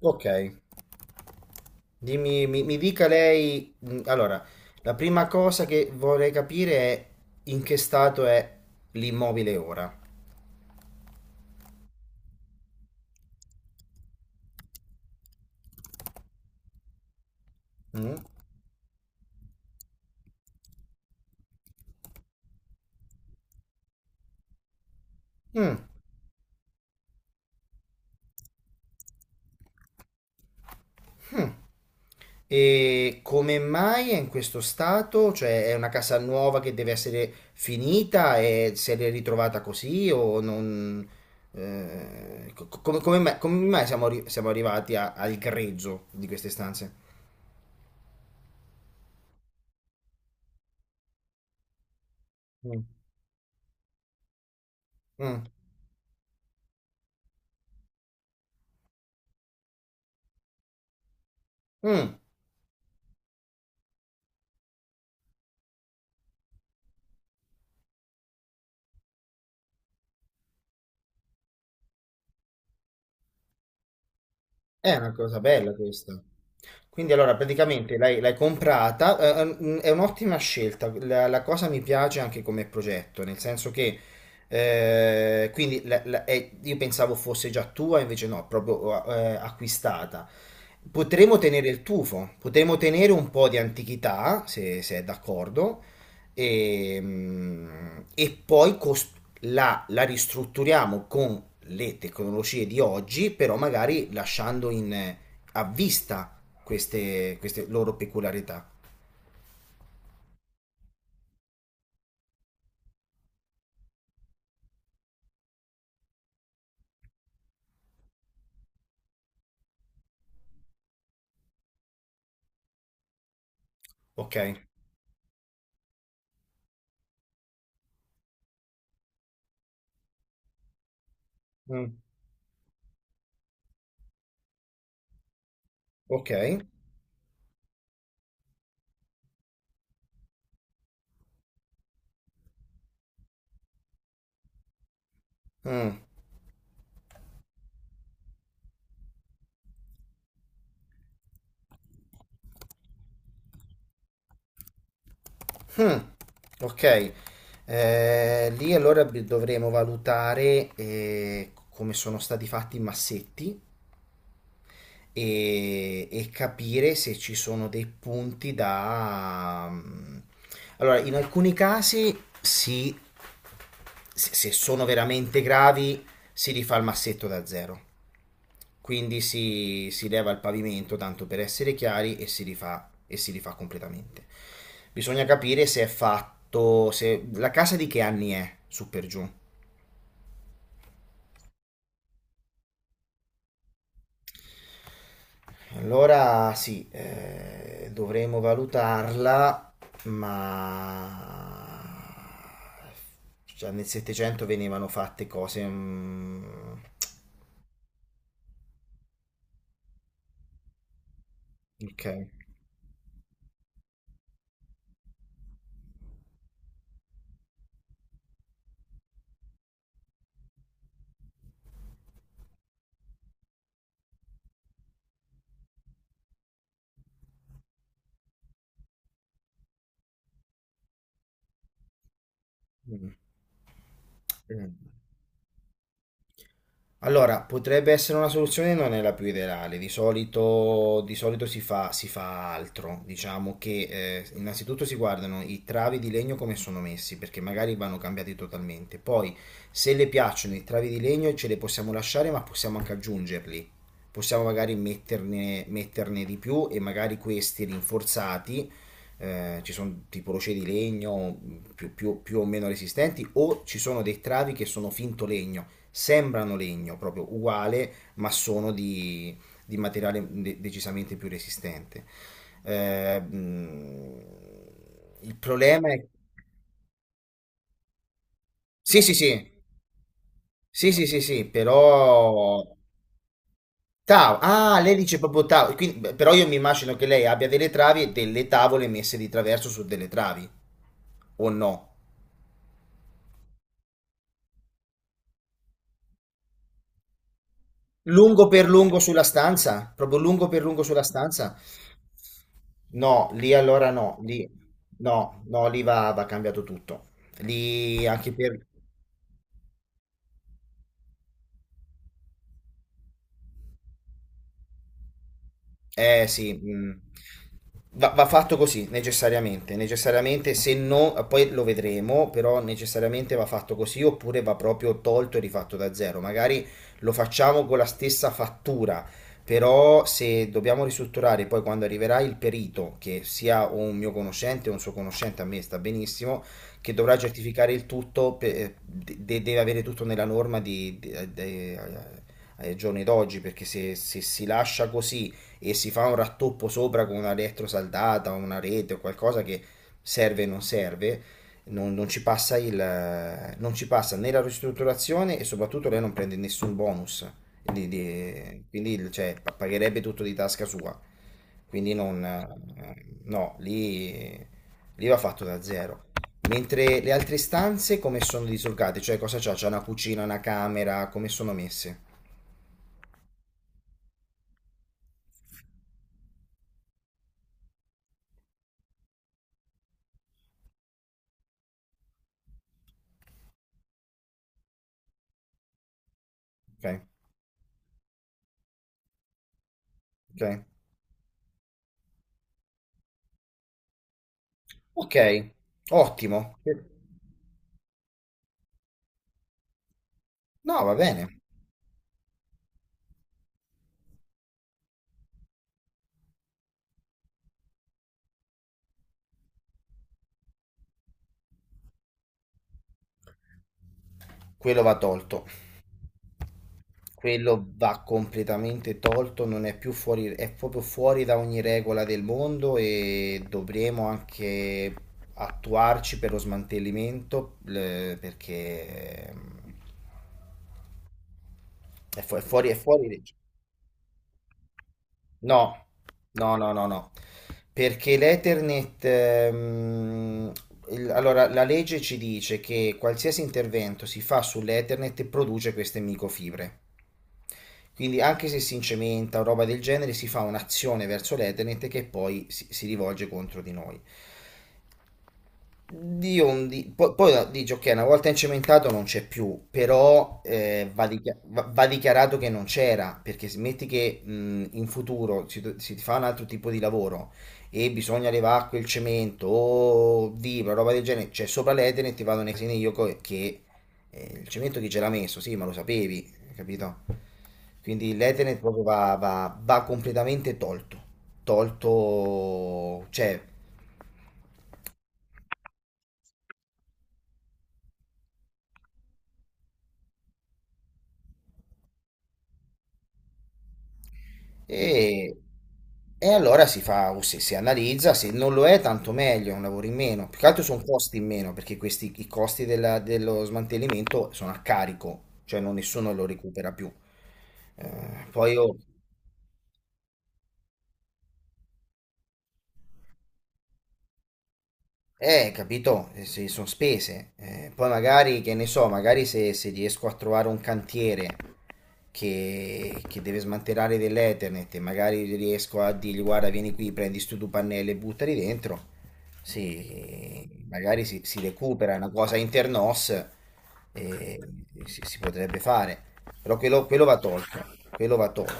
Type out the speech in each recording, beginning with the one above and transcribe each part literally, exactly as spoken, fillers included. Ok, dimmi, mi, mi dica lei. mh, Allora, la prima cosa che vorrei capire è in che stato è l'immobile ora. Mm? Mm, mm. E come mai è in questo stato? Cioè, è una casa nuova che deve essere finita e se l'è ritrovata così o non. Eh, co- co- come, come mai, come mai siamo, arri- siamo arrivati a- al grezzo di queste stanze? Mm. Mm. Mm. È una cosa bella questa. Quindi allora praticamente l'hai l'hai comprata, eh, mm, è un'ottima scelta, la, la cosa mi piace anche come progetto, nel senso che eh, quindi la- la- è- io pensavo fosse già tua, invece no, proprio eh, eh, acquistata. Potremmo tenere il tufo, potremmo tenere un po' di antichità, se, se è d'accordo, e, mm, e poi cos- la, la ristrutturiamo con le tecnologie di oggi, però magari lasciando in, a vista queste, queste loro peculiarità. Ok? Mm. Ok? Mm. Ok. Eh, lì allora bi- dovremo valutare eh, come sono stati fatti i massetti e, e capire se ci sono dei punti da... mm, Allora, in alcuni casi si, se se sono veramente gravi, si rifà il massetto da zero. Quindi si, si leva il pavimento tanto per essere chiari e si rifà, e si rifà completamente. Bisogna capire se è fatto, se la casa di che anni è su per giù. Allora sì, eh, dovremo valutarla, ma già nel settecento venivano fatte cose... mm, Ok. Mm. Mm. Allora, potrebbe essere una soluzione, non è la più ideale, di solito, di solito si fa, si fa altro, diciamo che eh, innanzitutto si guardano i travi di legno come sono messi, perché magari vanno cambiati totalmente, poi se le piacciono i travi di legno ce le possiamo lasciare, ma possiamo anche aggiungerli, possiamo magari metterne, metterne di più e magari questi rinforzati, eh, ci sono tipo rocce di legno mh, più, più più o meno resistenti, o ci sono dei travi che sono finto legno. Sembrano legno proprio uguale, ma sono di, di materiale de- decisamente più resistente. Eh, mh, il problema è... Sì, sì, sì, sì, sì, sì, sì, però... Tau, ah, lei dice proprio tau, quindi- beh, però io mi immagino che lei abbia delle travi e delle tavole messe di traverso su delle travi, o no? Lungo per lungo sulla stanza, proprio lungo per lungo sulla stanza. No, lì allora no, lì no, no, lì va, va cambiato tutto. Lì anche per, eh sì, mh. Va, va fatto così, necessariamente, necessariamente, se no, poi lo vedremo, però necessariamente va fatto così oppure va proprio tolto e rifatto da zero. Magari lo facciamo con la stessa fattura, però se dobbiamo ristrutturare poi quando arriverà il perito, che sia un mio conoscente o un suo conoscente, a me sta benissimo, che dovrà certificare il tutto, pe- eh, de- deve avere tutto nella norma di, di- de- ai giorni d'oggi, perché se se si lascia così e si fa un rattoppo sopra con una elettrosaldata o una rete o qualcosa che serve o non serve, non, non ci passa il, non ci passa né la ristrutturazione e soprattutto lei non prende nessun bonus, di- di- quindi il- cioè, pa- pagherebbe tutto di tasca sua. Quindi non, eh, no, lì, lì va fatto da zero. Mentre le altre stanze come sono disorgate? Cioè cosa c'ha? C'è una cucina, una camera, come sono messe? Ok, ok. Ok, ottimo. No, va bene. Quello va tolto. Quello va completamente tolto, non è più fuori, è proprio fuori da ogni regola del mondo e dovremo anche attuarci per lo smantellimento le- perché ehm, è fu- è fuori, è fuori. legge. No, no, no, no, no, perché l'Ethernet, ehm, il- allora la legge ci dice che qualsiasi intervento si fa sull'Ethernet produce queste microfibre. Quindi anche se si incementa o roba del genere, si fa un'azione verso l'Ethernet che poi si, si rivolge contro di noi. Di ondi, poi, poi dice ok, una volta incementato non c'è più, però eh, va, dichia- va- va dichiarato che non c'era, perché se metti che mh, in futuro si, si fa un altro tipo di lavoro e bisogna levare quel cemento o vibra, roba del genere, c'è sopra l'Ethernet e ti vado nei casini io co- che eh, il cemento chi ce l'ha messo? Sì, ma lo sapevi, capito? Quindi l'Ethernet proprio va, va va completamente tolto, tolto, cioè... E, e allora si fa, uh, si, si analizza, se non lo è tanto meglio, è un lavoro in meno. Più che altro sono costi in meno, perché questi, i costi della- dello smantellimento sono a carico, cioè non nessuno lo recupera più. Eh, poi io, eh, capito, Eh, sì, sono spese. Eh, poi magari, che ne so, magari se, se riesco a trovare un cantiere che, che deve smantellare dell'Ethernet e magari riesco a dirgli guarda vieni qui, prendi stu due pannelli e buttali dentro, sì, magari si, si recupera una cosa internos e si, si potrebbe fare, però quello, quello va tolto, quello va tolto.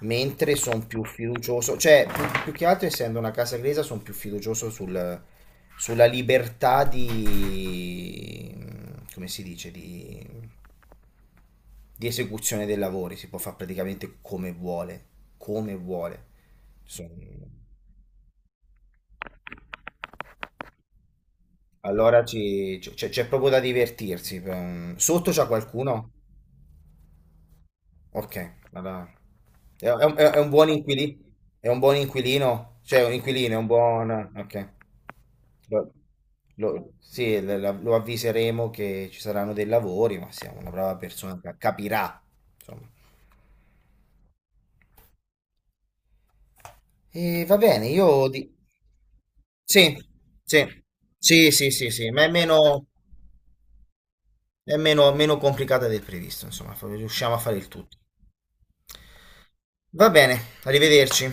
Mentre sono più fiducioso, cioè più, più che altro essendo una casa inglese sono più fiducioso sul, sulla libertà di, come si dice, di di esecuzione dei lavori, si può fare praticamente come vuole, come vuole. So- Allora ci- c- c'è c'è proprio da divertirsi. per- Sotto c'è qualcuno? Ok, allora. È, è un, è- è un buon inquilino? È un buon inquilino? Cioè, un inquilino, è un buon... Ok. Lo, lo- sì, la- la- lo avviseremo che ci saranno dei lavori, ma siamo una brava persona, ca- capirà. Insomma. E va bene, io di... Sì, sì, sì, sì, sì, sì, ma è meno, è meno, meno complicata del previsto, insomma, fa- riusciamo a fare il tutto. Va bene, arrivederci.